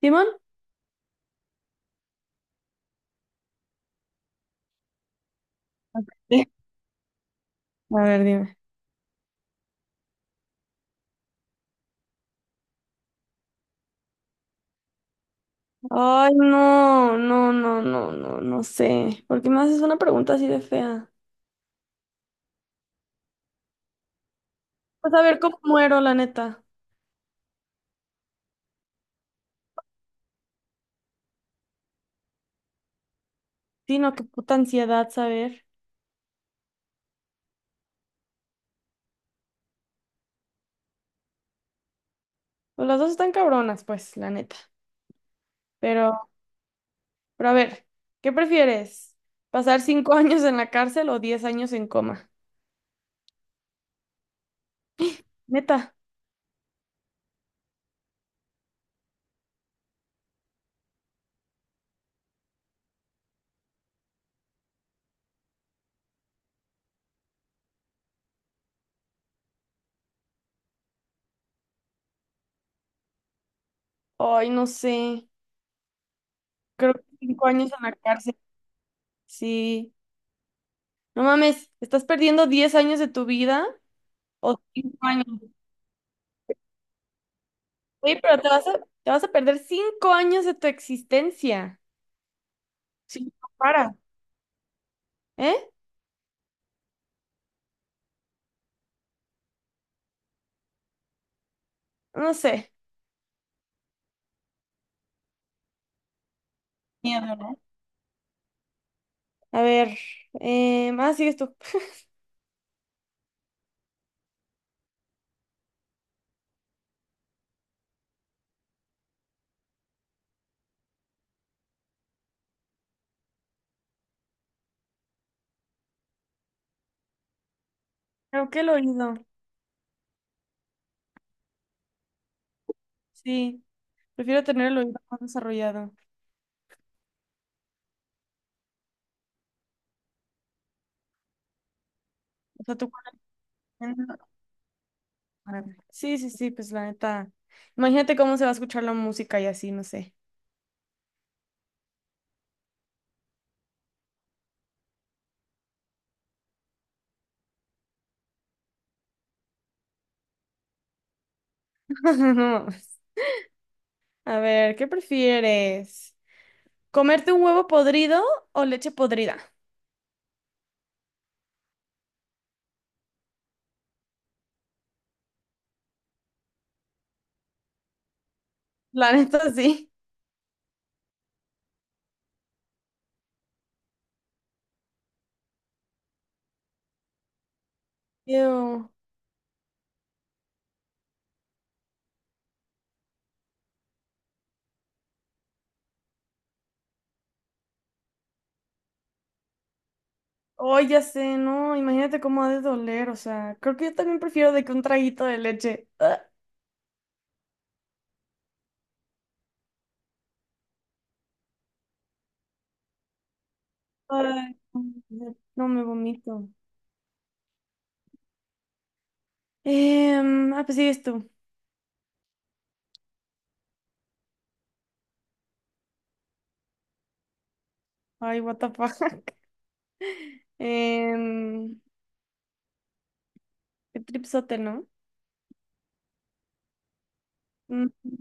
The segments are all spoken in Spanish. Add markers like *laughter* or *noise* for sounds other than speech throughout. ¿Simón? A ver, dime. Ay, no, no, no, no, no, no sé. ¿Por qué me haces una pregunta así de fea? Pues a ver cómo muero, la neta. Sí, no, qué puta ansiedad saber. Pues las dos están cabronas, pues, la neta. Pero, pero a ver, ¿qué prefieres? ¿Pasar 5 *laughs* años en la cárcel o 10 años en coma? Neta. Ay, no sé. Creo que 5 años en la cárcel. Sí. No mames, ¿estás perdiendo 10 años de tu vida o 5 años? Oye, pero te vas a perder 5 años de tu existencia. Sí, no para. ¿Eh? No sé. Miedo, ¿no? A ver. Sigues tú. *laughs* Creo que el oído. Sí. Prefiero tener el oído más desarrollado. O sea, tú. Sí, sí, sí, pues la neta. Imagínate cómo se va a escuchar la música y así, no sé. *laughs* No, pues. A ver, ¿qué prefieres? ¿Comerte un huevo podrido o leche podrida? La neta, sí. Ew. Ay, ya sé, no, imagínate cómo ha de doler, o sea, creo que yo también prefiero de que un traguito de leche. Ah, ay, no no me vomito. Pues sigues tú. Ay, what the fuck. *laughs* Em, qué tripsote, ¿no? Mm,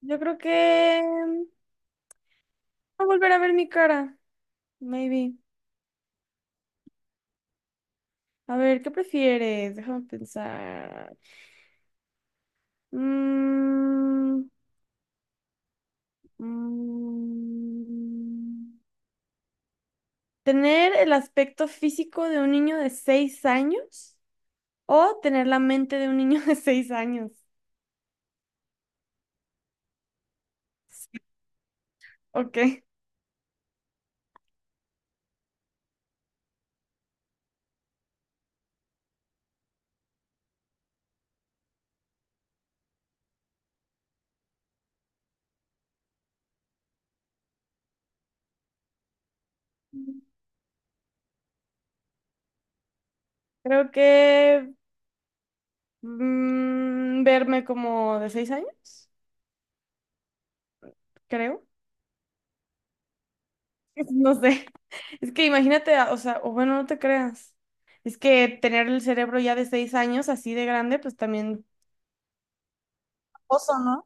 yo creo que voy a volver a ver mi cara, maybe. A ver, ¿qué prefieres? Déjame pensar. Mm, mm, ¿Tener el aspecto físico de un niño de 6 años o tener la mente de un niño de 6 años? Sí. Ok, creo que verme como de 6 años, creo. *laughs* No sé, es que imagínate, o sea, o bueno, no te creas. Es que tener el cerebro ya de 6 años así de grande, pues también... Oso, ¿no?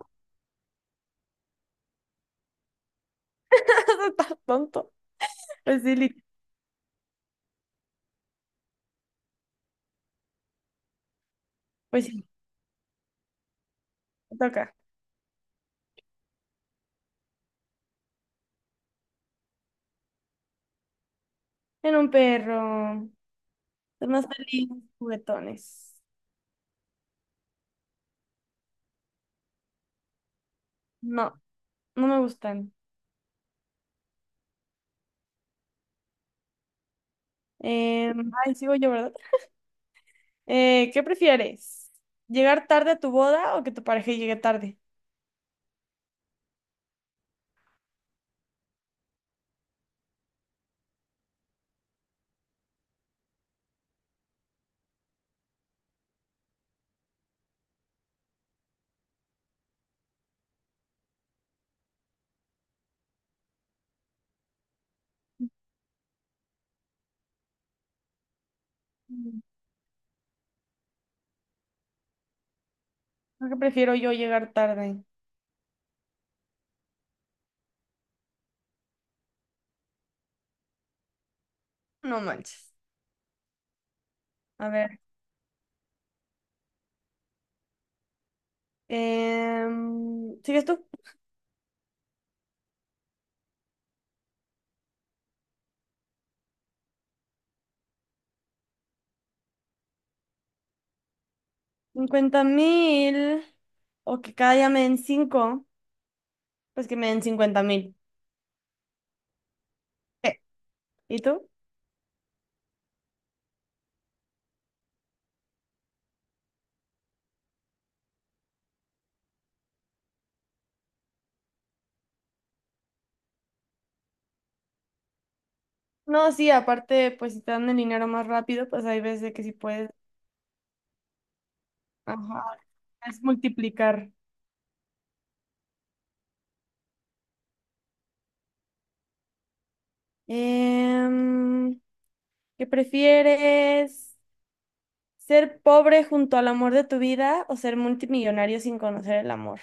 *laughs* Estás tonto. Pues sí, pues sí, me toca. En un perro. Son más felices, juguetones. No. No me gustan. Ay, sigo yo, ¿verdad? ¿Qué prefieres? ¿Llegar tarde a tu boda o que tu pareja llegue tarde? Mm, Creo que prefiero yo llegar tarde. No manches. A ver. ¿Sigues tú? 50,000 o que cada día me den cinco, pues que me den 50,000. ¿Y tú? No, sí, aparte, pues si te dan el dinero más rápido, pues hay veces que sí puedes. Ajá. Es multiplicar. Em, ¿Qué prefieres? ¿Ser pobre junto al amor de tu vida o ser multimillonario sin conocer el amor?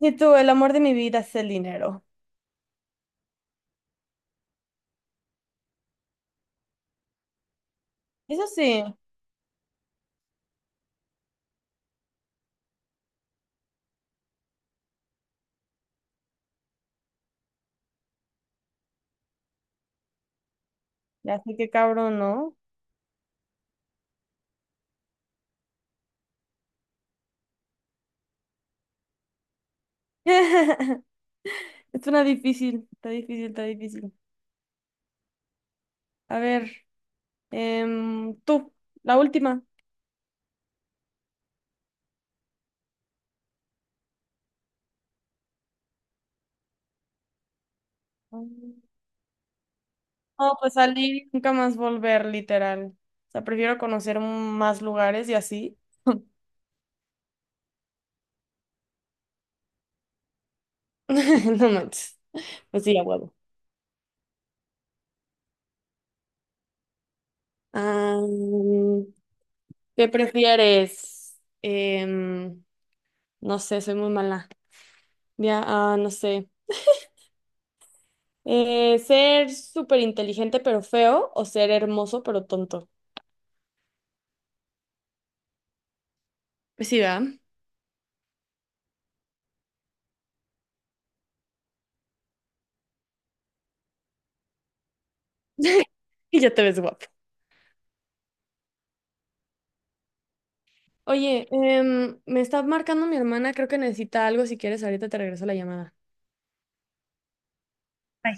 Y tú, el amor de mi vida es el dinero. Eso sí, ya sé qué cabrón, ¿no? *laughs* Es una difícil, está difícil, está difícil. A ver, tú, la última. Mm. No, pues salir y nunca más volver, literal. O sea, prefiero conocer más lugares y así. *laughs* No manches. Pues sí, a huevo. Ah, ¿Qué prefieres? No sé, soy muy mala. Ya, no sé. ¿Ser súper inteligente pero feo o ser hermoso pero tonto? Pues sí, ¿verdad? *laughs* Y ya te ves guapo. Oye, me está marcando mi hermana, creo que necesita algo. Si quieres, ahorita te regreso la llamada. Bye.